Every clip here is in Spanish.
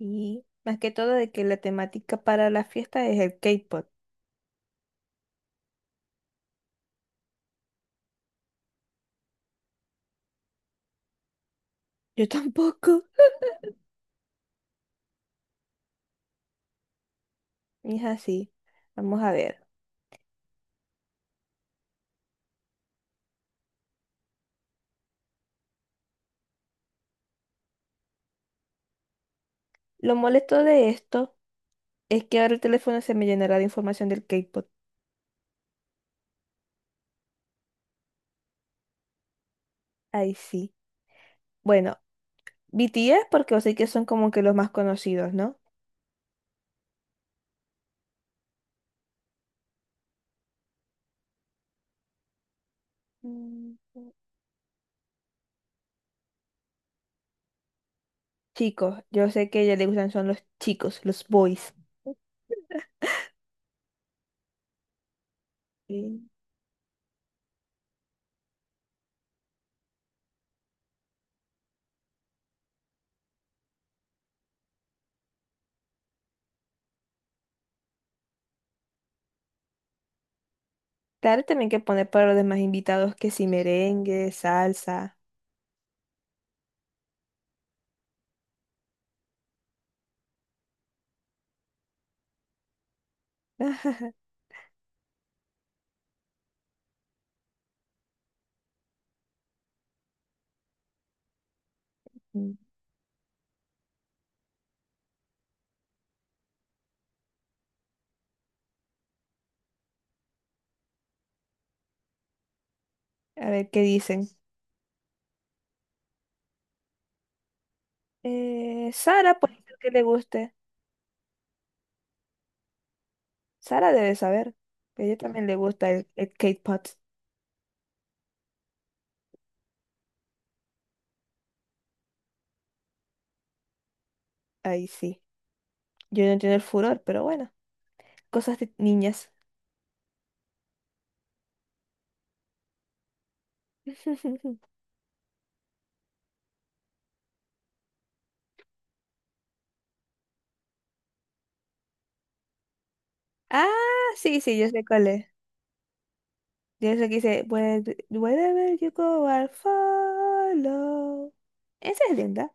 Y más que todo de que la temática para la fiesta es el K-pop. Yo tampoco. Y es así. Vamos a ver. Lo molesto de esto es que ahora el teléfono se me llenará de información del K-pop. Ahí sí. Bueno, BTS porque yo sé que son como que los más conocidos, ¿no? Mm. Chicos, yo sé que a ella le gustan son los chicos, los boys. Sí. Claro, también que poner para los demás invitados que si merengue, salsa. Mm. A ver qué dicen. Sara puede ser que le guste. Sara debe saber. A ella también le gusta el K-pop. Ahí sí. Yo no entiendo el furor, pero bueno. Cosas de niñas. Ah, sí, sí, yo sé cuál es. Yo sé que dice, wherever you go, I'll follow. Esa es linda.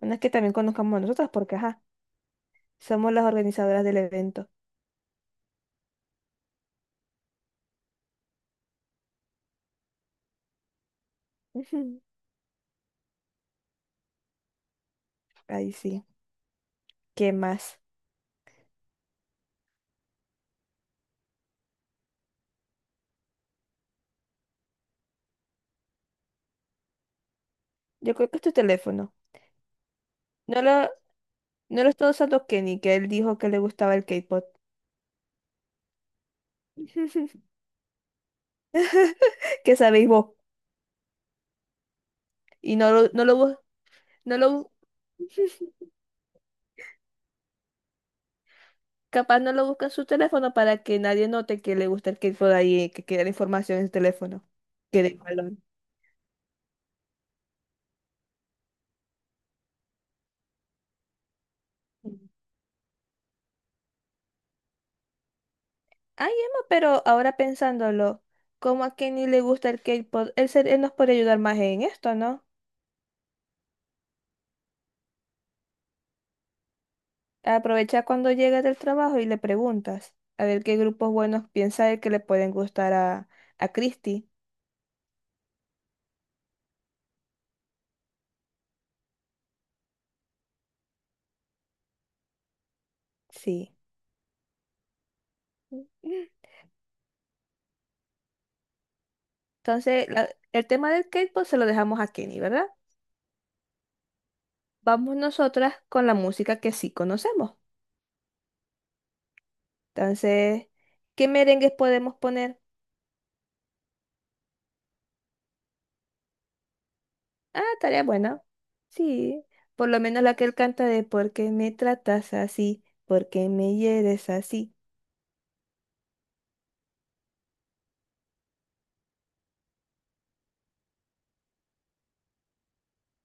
Una es que también conozcamos a nosotras porque, ajá, somos las organizadoras del evento. Ahí sí. ¿Qué más? Yo creo que es tu teléfono. No lo, No lo estoy usando Kenny, que él dijo que le gustaba el K-pop. ¿Qué sabéis vos? Y no lo, no lo, bus- no lo, bu- capaz no lo busca en su teléfono para que nadie note que le gusta el K-pop ahí, que quede la información en su teléfono. Que de balón. Mm. Ay, Emma, pero ahora pensándolo, como a Kenny le gusta el K-pop, él nos puede ayudar más en esto, ¿no? Aprovecha cuando llegas del trabajo y le preguntas a ver qué grupos buenos piensa él que le pueden gustar a Christy. Sí. Entonces, el tema del K-pop se lo dejamos a Kenny, ¿verdad? Vamos nosotras con la música que sí conocemos. Entonces, ¿qué merengues podemos poner? Ah, tarea buena. Sí, por lo menos la que él canta de ¿Por qué me tratas así? ¿Por qué me hieres así?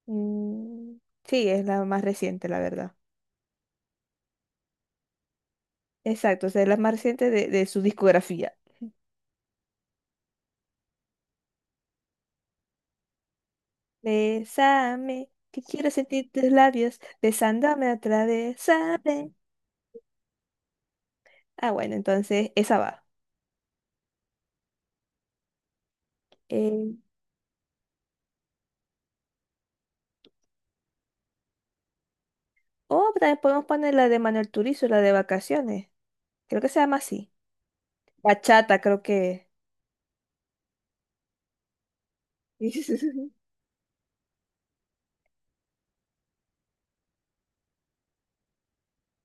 Mm, sí, es la más reciente, la verdad. Exacto, o sea, es la más reciente de su discografía. Bésame, que quiero sentir tus labios, besándome otra vez, ¿sabe? Ah, bueno, entonces esa va. Eh, o también podemos poner la de Manuel Turizo, la de vacaciones. Creo que se llama así. Bachata, creo que.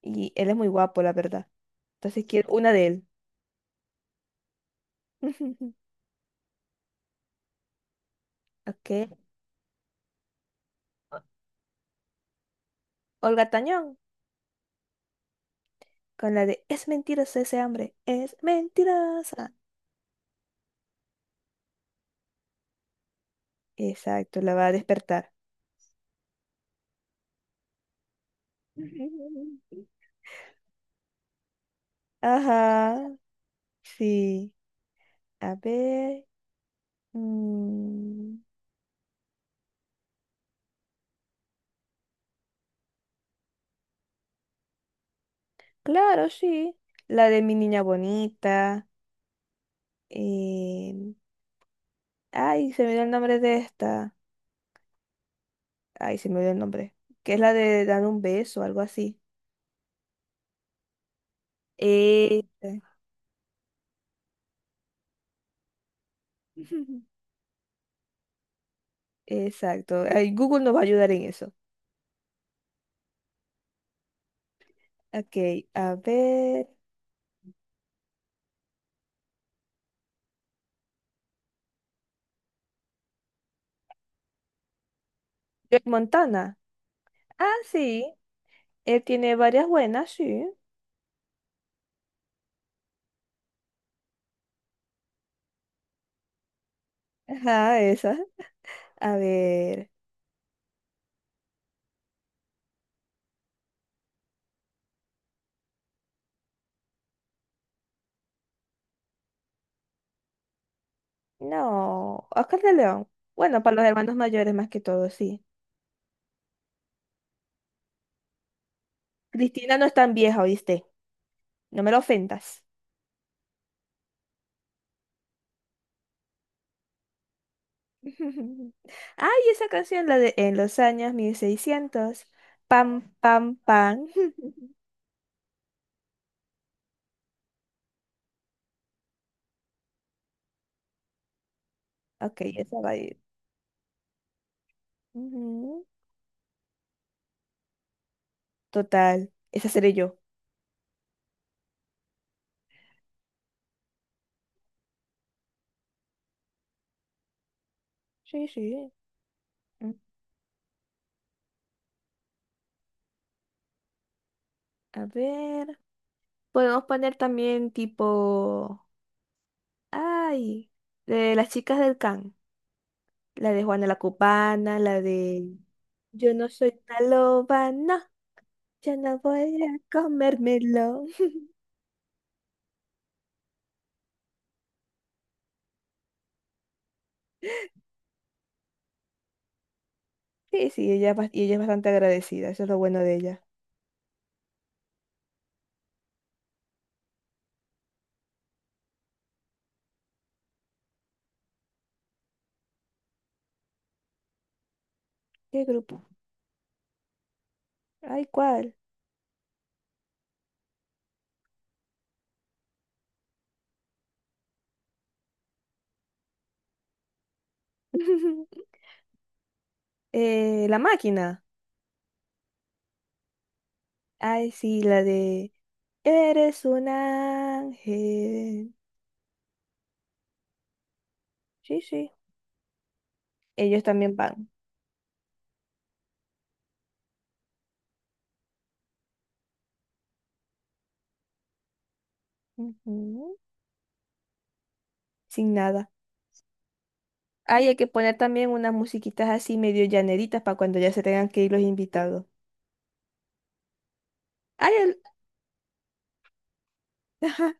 Y él es muy guapo, la verdad. Entonces quiero una de él. Ok. Olga Tañón, con la de Es mentirosa ese hambre. Es mentirosa. Exacto, la va a despertar. Ajá, sí. A ver. Mm, claro, sí. La de mi niña bonita. eh, Ay, se me dio el nombre de esta. Ay, se me dio el nombre. Que es la de dar un beso, algo así. Eh, Exacto. Ay, Google nos va a ayudar en eso. Ok, a ver. Joe Montana. Ah, sí. Él tiene varias buenas, sí. Ajá, esas. A ver. No. Oscar de León. Bueno, para los hermanos mayores más que todo, sí. Cristina no es tan vieja, ¿oíste? No me lo ofendas. Ay, esa canción, la de En los años 1600, pam, pam, pam. Ok, esa va a ir. Ujú. Total, esa seré yo. Sí, sí. Mm, A ver. Podemos poner también tipo. Ay, de las chicas del Can. La de Juana la Cubana, la de. Yo no soy una loba, no. Yo no voy a comérmelo. Sí, sí, y ella es bastante agradecida. Eso es lo bueno de ella. ¿Qué grupo? Ay, ¿cuál? La máquina. Ay, sí, la de Eres un ángel. Sí, sí. Ellos también van. Ujú. Sin nada. Ay, hay que poner también unas musiquitas así medio llaneritas para cuando ya se tengan que ir los invitados. Ay,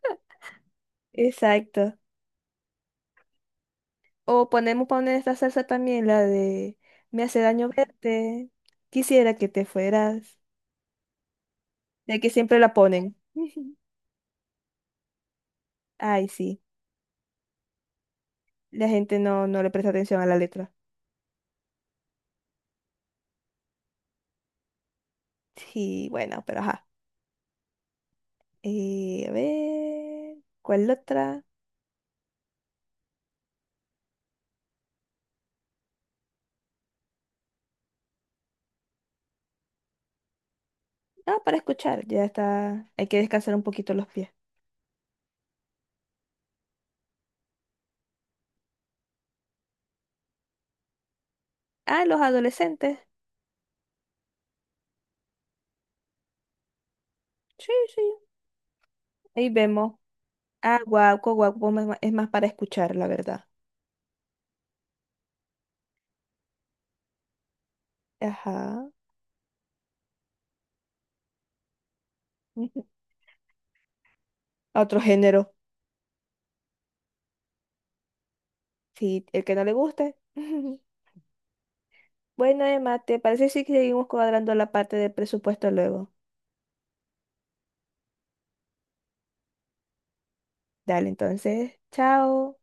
Exacto. O ponemos poner esta salsa también, la de Me hace daño verte. Quisiera que te fueras. De que siempre la ponen. Ay, sí. La gente no le presta atención a la letra. Sí, bueno, pero ajá. A ver, ¿cuál otra? Ah, para escuchar, ya está. Hay que descansar un poquito los pies. Ah, los adolescentes. Sí, sí, ahí vemos. Ah, guaco, guaco, es más para escuchar, la verdad. Ajá. Ujú. Otro género. Sí, el que no le guste. Bueno, Emma, ¿te parece si seguimos cuadrando la parte del presupuesto luego? Dale, entonces, chao.